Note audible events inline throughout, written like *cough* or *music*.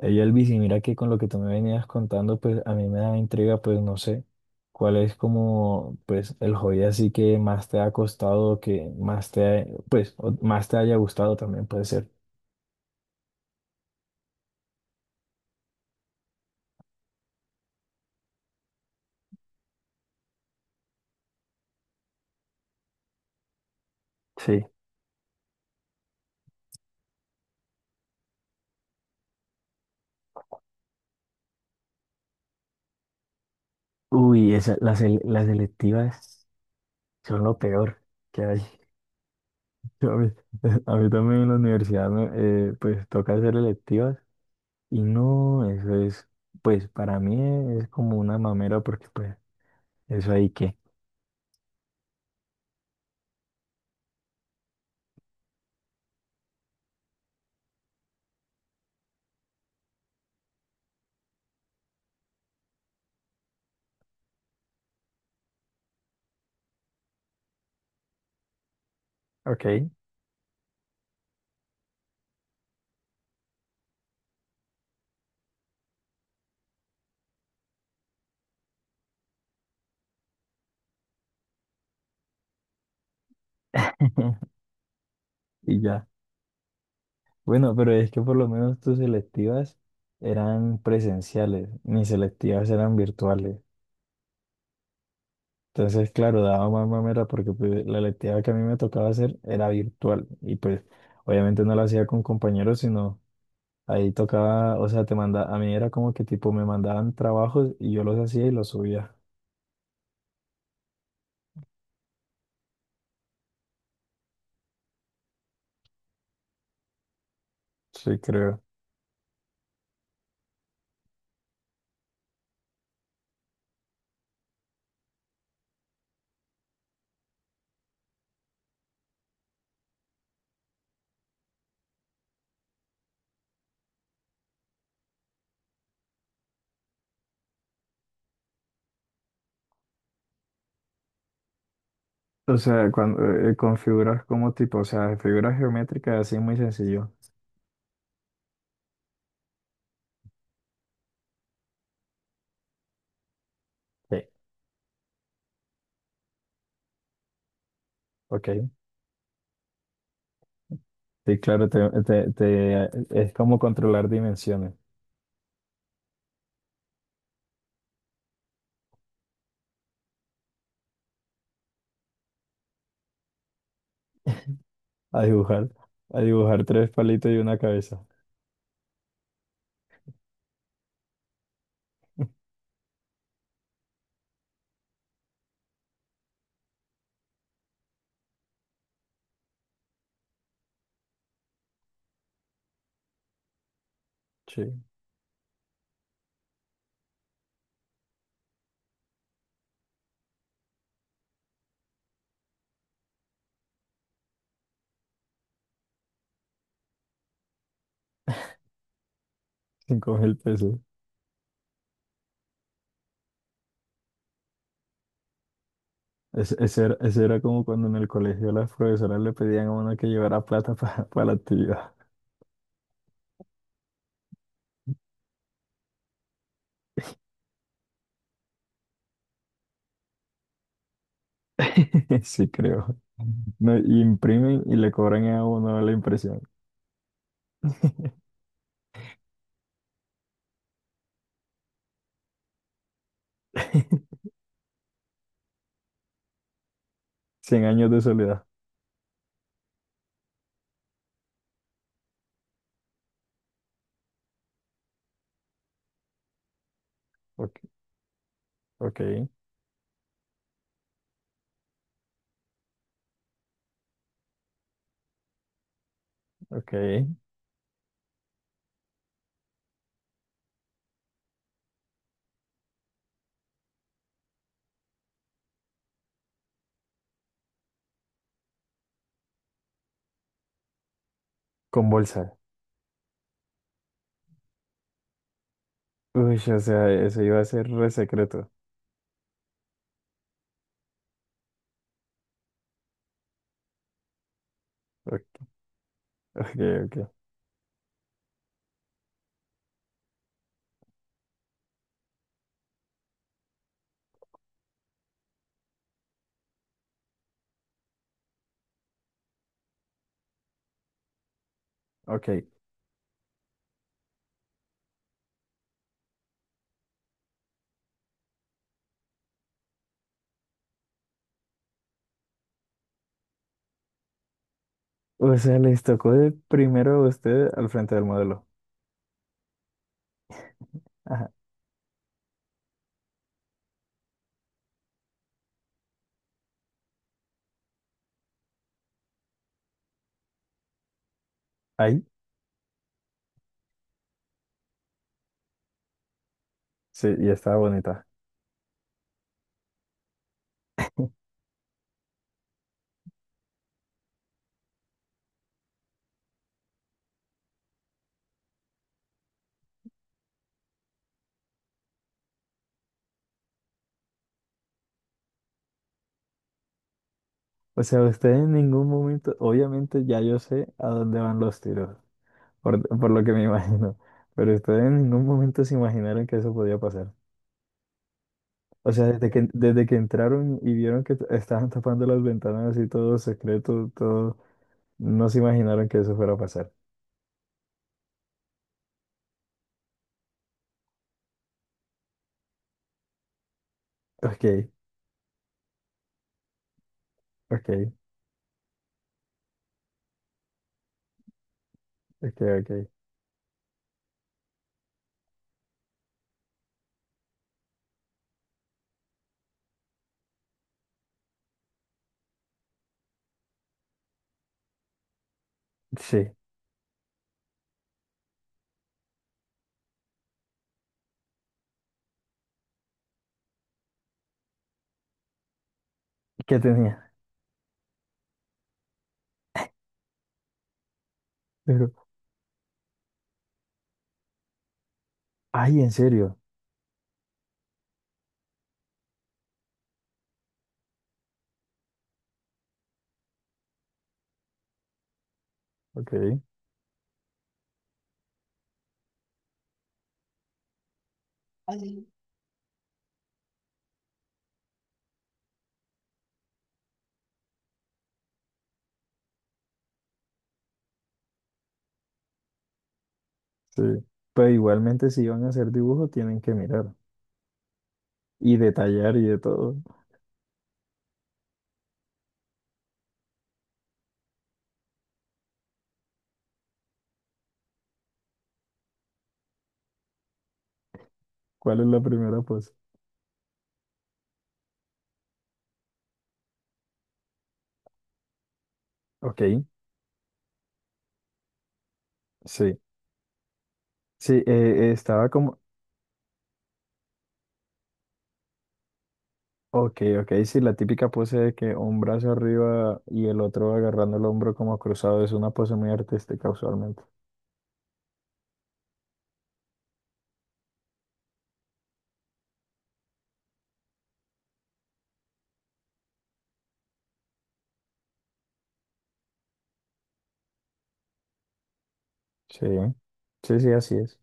Ey, Elvis, y mira que con lo que tú me venías contando, pues a mí me da intriga, pues no sé cuál es como, pues el hobby así que más te ha costado, que más te, ha- pues o más te haya gustado también puede ser. Sí. Uy, las selectivas son lo peor que hay. *laughs* Yo A mí, *laughs* a mí también en la universidad, pues toca hacer electivas y no, eso es, pues para mí es como una mamera porque pues eso ahí que, ok, *laughs* y ya. Bueno, pero es que por lo menos tus selectivas eran presenciales, mis selectivas eran virtuales. Entonces, claro, daba más mamera porque pues, la electiva que a mí me tocaba hacer era virtual y pues obviamente no la hacía con compañeros, sino ahí tocaba, o sea, te manda, a mí era como que tipo me mandaban trabajos y yo los hacía y los subía. Sí, creo. O sea, cuando con figuras como tipo, o sea, figuras geométricas así muy sencillo. Sí, ok. Sí, claro, te- te- es como controlar dimensiones. A dibujar, a dibujar tres palitos y una cabeza. Sí, 5.000 pesos. Ese era como cuando en el colegio las profesoras le pedían a uno que llevara plata *laughs* para la actividad. *laughs* Sí, creo. No, y imprimen y le cobran a uno la impresión. *laughs* 100 años de soledad. Ok, ok, ok. Con bolsa. Uy, o sea, eso iba a ser re secreto. Ok, ok, ok. Ok. O sea, les tocó de primero a usted al frente del modelo. Ajá. Ahí, sí, y estaba bonita. O sea, usted en ningún momento, obviamente ya yo sé a dónde van los tiros, por lo que me *laughs* imagino, pero ustedes en ningún momento se imaginaron que eso podía pasar. O sea, desde que entraron y vieron que estaban tapando las ventanas y todo secreto, todo, no se imaginaron que eso fuera a pasar. Ok, ok, ok, ok. Sí, ¿qué tenía? Pero, ay, en serio. Ok. Sí. Pero igualmente si van a hacer dibujo tienen que mirar y detallar y de todo. ¿Cuál es la primera pose? Ok, sí. Sí, estaba como, ok, ok, sí, la típica pose de que un brazo arriba y el otro agarrando el hombro como cruzado es una pose muy artística usualmente. Sí, sí, sí, así es.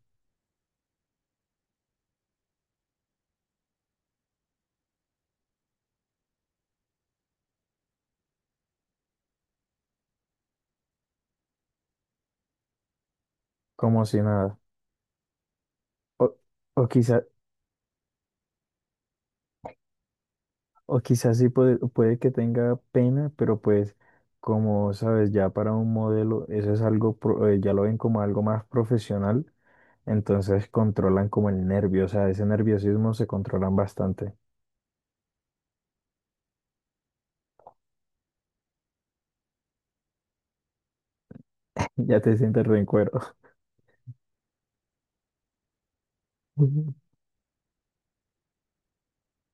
Como si nada. O, o O quizás sí puede que tenga pena, pero pues como sabes, ya para un modelo eso es algo, pro- ya lo ven como algo más profesional, entonces controlan como el nervio, o sea, ese nerviosismo se controlan bastante. *laughs* Ya te sientes re en cuero.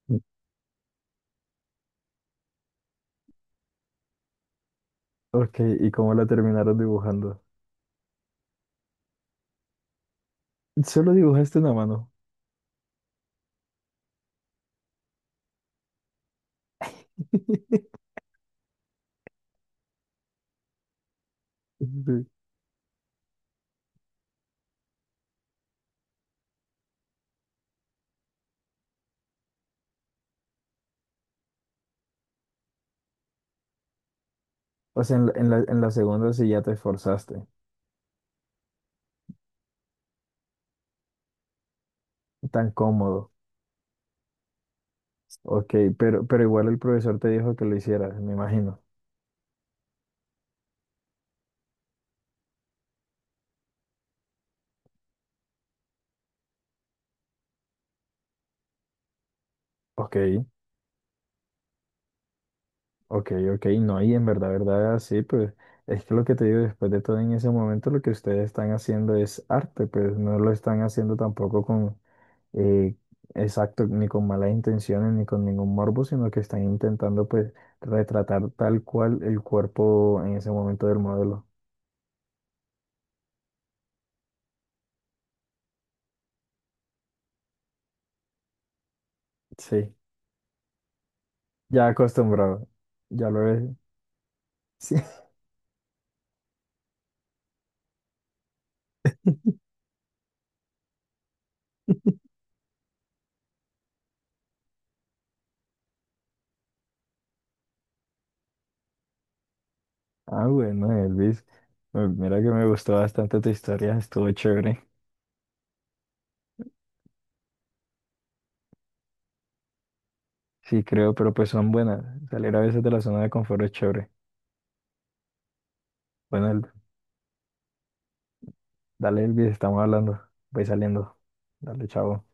*laughs* Ok, ¿y cómo la terminaron dibujando? Solo dibujaste una mano. *laughs* Sí. O sea, en la segunda sí ya te esforzaste, tan cómodo. Ok, pero igual el profesor te dijo que lo hicieras, me imagino. Ok. Ok, ok, no, y en verdad, verdad, sí, pues es que lo que te digo, después de todo en ese momento lo que ustedes están haciendo es arte, pues no lo están haciendo tampoco con, eh, exacto, ni con malas intenciones, ni con ningún morbo, sino que están intentando pues retratar tal cual el cuerpo en ese momento del modelo. Sí, ya acostumbrado, ya lo es. Sí. *laughs* Ah, bueno, Elvis, mira que me gustó bastante tu historia, estuvo chévere. Sí, creo, pero pues son buenas. Salir a veces de la zona de confort es chévere. Bueno, dale, Elvis, estamos hablando. Voy saliendo. Dale, chao.